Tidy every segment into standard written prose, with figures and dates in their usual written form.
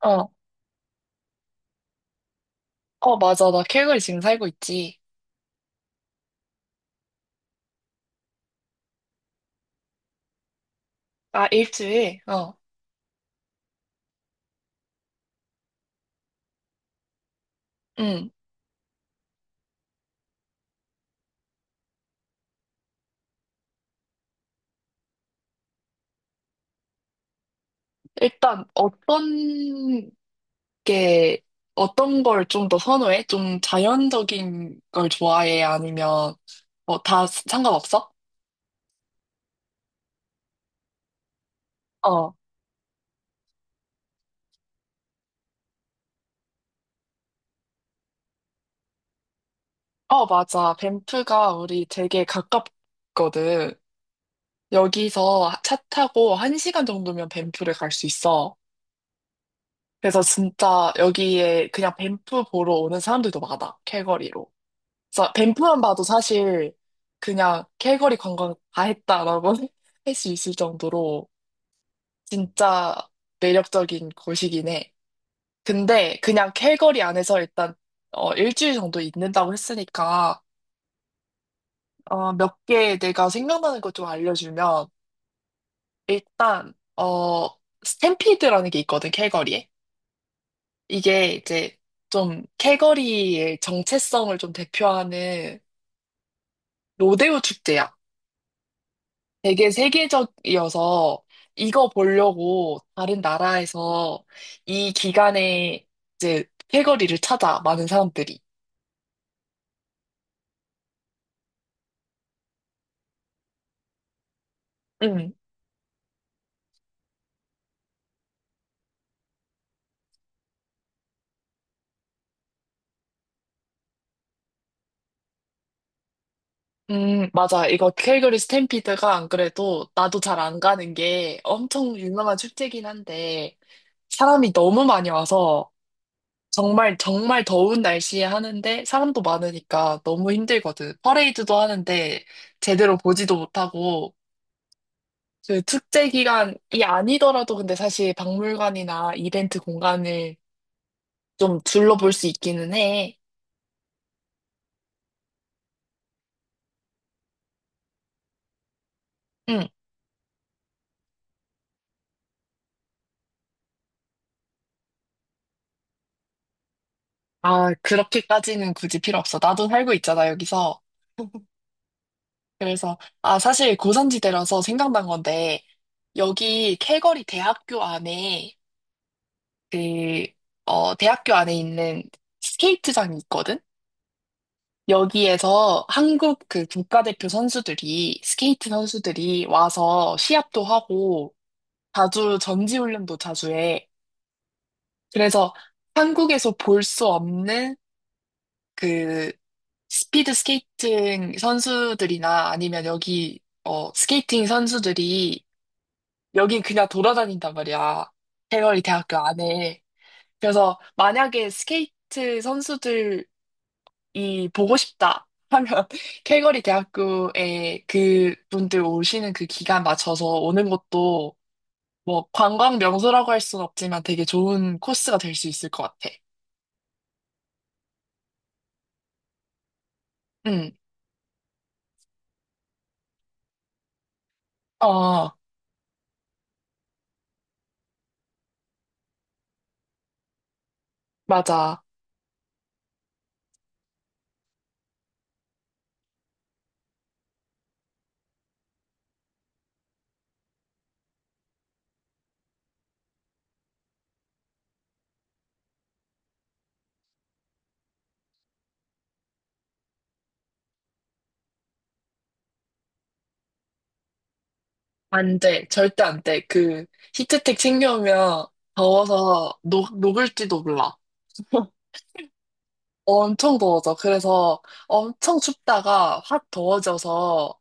어, 어, 맞아. 나케거리 지금 살고 있지. 아, 일주일? 어, 응. 일단 게, 어떤 걸 좀 더 선호해? 좀 자연적인 걸 좋아해? 아니면, 뭐, 다 상관없어? 어, 어, 맞아. 밴프가 우리 되게 가깝거든. 여기서 차 타고 1시간 정도면 밴프를 갈 수 있어. 그래서 진짜 여기에 그냥 밴프 보러 오는 사람들도 많아. 캘거리로. 자, 밴프만 봐도 사실 그냥 캘거리 관광 다 했다라고 할 수 있을 정도로 진짜 매력적인 곳이긴 해. 근데 그냥 캘거리 안에서 일단 일주일 정도 있는다고 했으니까 몇 개 내가 생각나는 것 좀 알려주면 일단 스탬피드라는 게 있거든, 캘거리에. 이게 이제 좀 캘거리의 정체성을 좀 대표하는 로데오 축제야. 되게 세계적이어서 이거 보려고 다른 나라에서 이 기간에 이제 캘거리를 찾아, 많은 사람들이. 응. 맞아. 이거 캘거리 스탬피드가 안 그래도 나도 잘 안 가는 게 엄청 유명한 축제긴 한데 사람이 너무 많이 와서 정말 정말 더운 날씨에 하는데 사람도 많으니까 너무 힘들거든. 퍼레이드도 하는데 제대로 보지도 못하고 그 축제 기간이 아니더라도 근데 사실 박물관이나 이벤트 공간을 좀 둘러볼 수 있기는 해. 응. 아, 그렇게까지는 굳이 필요 없어. 나도 살고 있잖아, 여기서. 그래서, 아, 사실 고산지대라서 생각난 건데, 여기 calgary 대학교 안에, 그, 대학교 안에 있는 스케이트장이 있거든? 여기에서 한국 그 국가대표 선수들이, 스케이트 선수들이 와서 시합도 하고, 자주 전지훈련도 자주 해. 그래서 한국에서 볼 수 없는 그 스피드 스케이팅 선수들이나 아니면 여기 스케이팅 선수들이 여긴 그냥 돌아다닌단 말이야. 대거리 대학교 안에. 그래서 만약에 스케이트 선수들이 보고 싶다 하면 calgary 대학교에 그분들 오시는 그 기간 맞춰서 오는 것도 뭐 관광 명소라고 할 순 없지만 되게 좋은 코스가 될 수 있을 것 같아. 응. 어, 맞아. 안 돼. 절대 안 돼. 그 히트텍 챙겨오면 더워서 녹을지도 몰라. 엄청 더워져. 그래서 엄청 춥다가 확 더워져서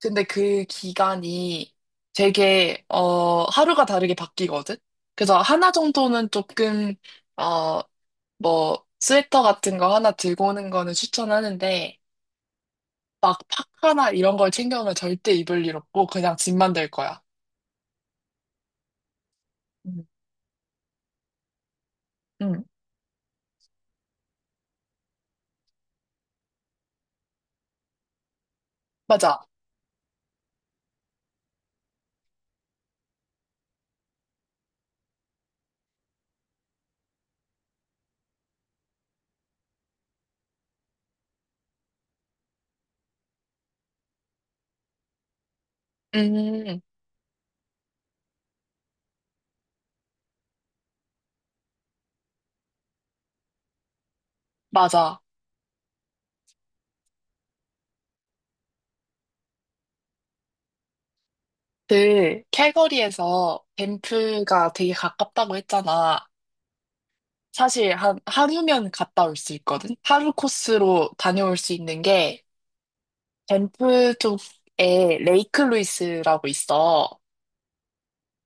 근데 그 기간이 되게 하루가 다르게 바뀌거든. 그래서 하나 정도는 조금 어 뭐 스웨터 같은 거 하나 들고 오는 거는 추천하는데 막 파카나 이런 걸 챙겨오면 절대 입을 일 없고 그냥 짐만 될 거야. 음. 응, 맞아. 음, 맞아. 그 캘거리에서 밴프가 되게 가깝다고 했잖아. 사실 한 하루면 갔다 올 수 있거든. 하루 코스로 다녀올 수 있는 게 밴프 쪽에 레이크 루이스라고 있어.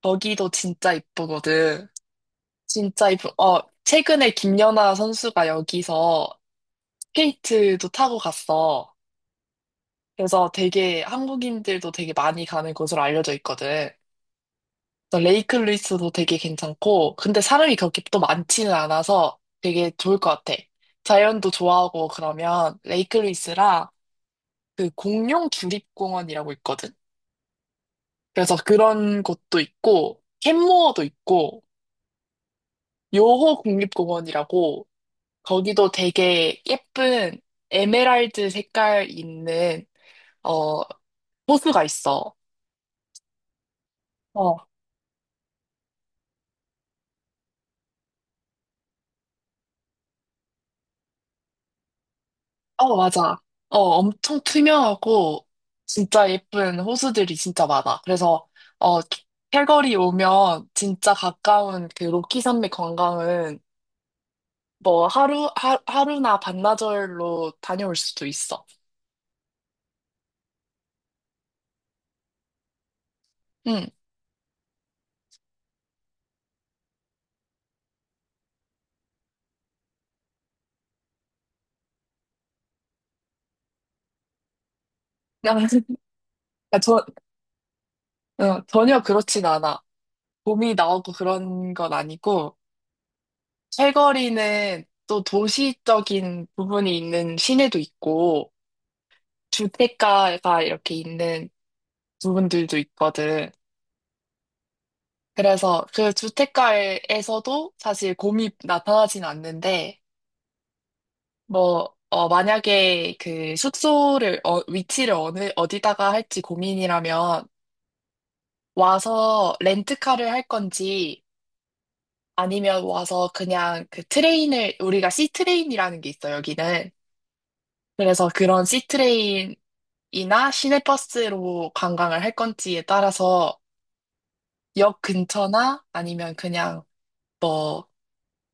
거기도 진짜 이쁘거든. 진짜 이쁘. 최근에 김연아 선수가 여기서 스케이트도 타고 갔어. 그래서 되게 한국인들도 되게 많이 가는 곳으로 알려져 있거든. 그래서 레이크 루이스도 되게 괜찮고, 근데 사람이 그렇게 또 많지는 않아서 되게 좋을 것 같아. 자연도 좋아하고 그러면 레이크 루이스랑 그 공룡 주립공원이라고 있거든. 그래서 그런 곳도 있고, 캔모어도 있고, 요호 국립공원이라고 거기도 되게 예쁜 에메랄드 색깔 있는 어 호수가 있어. 어, 어, 맞아. 엄청 투명하고 진짜 예쁜 호수들이 진짜 많아. 그래서 어, calgary 오면 진짜 가까운 그 로키 산맥 관광은 뭐 하루나 반나절로 다녀올 수도 있어. 응. 그냥 그러니까 전혀 그렇진 않아. 봄이 나오고 그런 건 아니고 캘거리는 또 도시적인 부분이 있는 시내도 있고 주택가가 이렇게 있는 부분들도 있거든. 그래서 그 주택가에서도 사실 곰이 나타나진 않는데, 뭐, 만약에 그 위치를 어디다가 할지 고민이라면, 와서 렌트카를 할 건지, 아니면 와서 그냥 우리가 C트레인이라는 게 있어요, 여기는. 그래서 그런 C트레인이나 시내버스로 관광을 할 건지에 따라서 역 근처나 아니면 그냥 뭐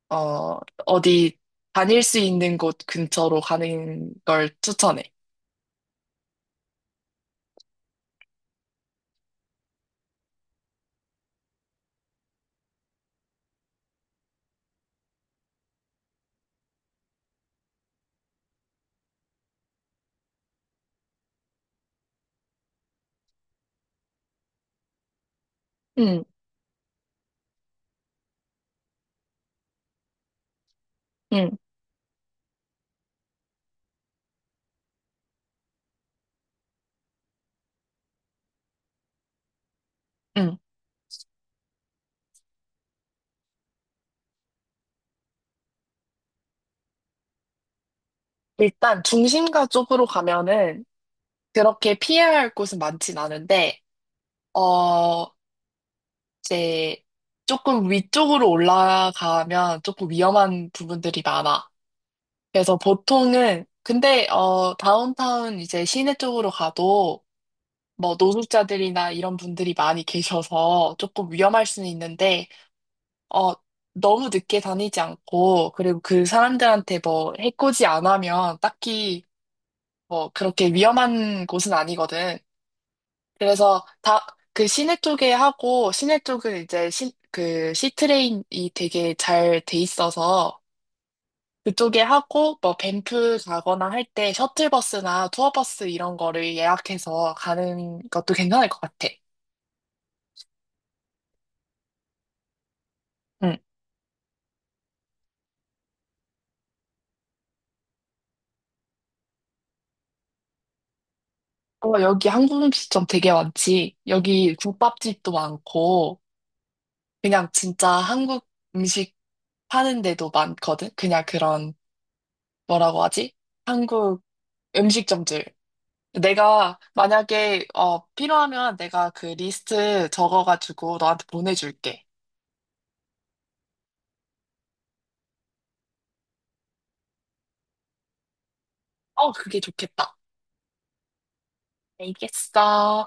어, 어디 다닐 수 있는 곳 근처로 가는 걸 추천해. 응, 응, 응. 일단 중심가 쪽으로 가면은 그렇게 피해야 할 곳은 많진 않은데, 어, 이제 조금 위쪽으로 올라가면 조금 위험한 부분들이 많아. 그래서 보통은, 근데, 다운타운 이제 시내 쪽으로 가도 뭐 노숙자들이나 이런 분들이 많이 계셔서 조금 위험할 수는 있는데, 어, 너무 늦게 다니지 않고, 그리고 그 사람들한테 뭐 해코지 안 하면 딱히 뭐 그렇게 위험한 곳은 아니거든. 그래서 그 시내 쪽에 하고, 시내 쪽은 이제 그 시트레인이 되게 잘 돼 있어서 그쪽에 하고, 뭐 밴프 가거나 할 때 셔틀버스나 투어버스 이런 거를 예약해서 가는 것도 괜찮을 것 같아. 응. 어, 여기 한국 음식점 되게 많지. 여기 국밥집도 많고, 그냥 진짜 한국 음식 파는 데도 많거든? 그냥 그런, 뭐라고 하지? 한국 음식점들. 내가 만약에, 필요하면 내가 그 리스트 적어가지고 너한테 보내줄게. 어, 그게 좋겠다. 알겠어.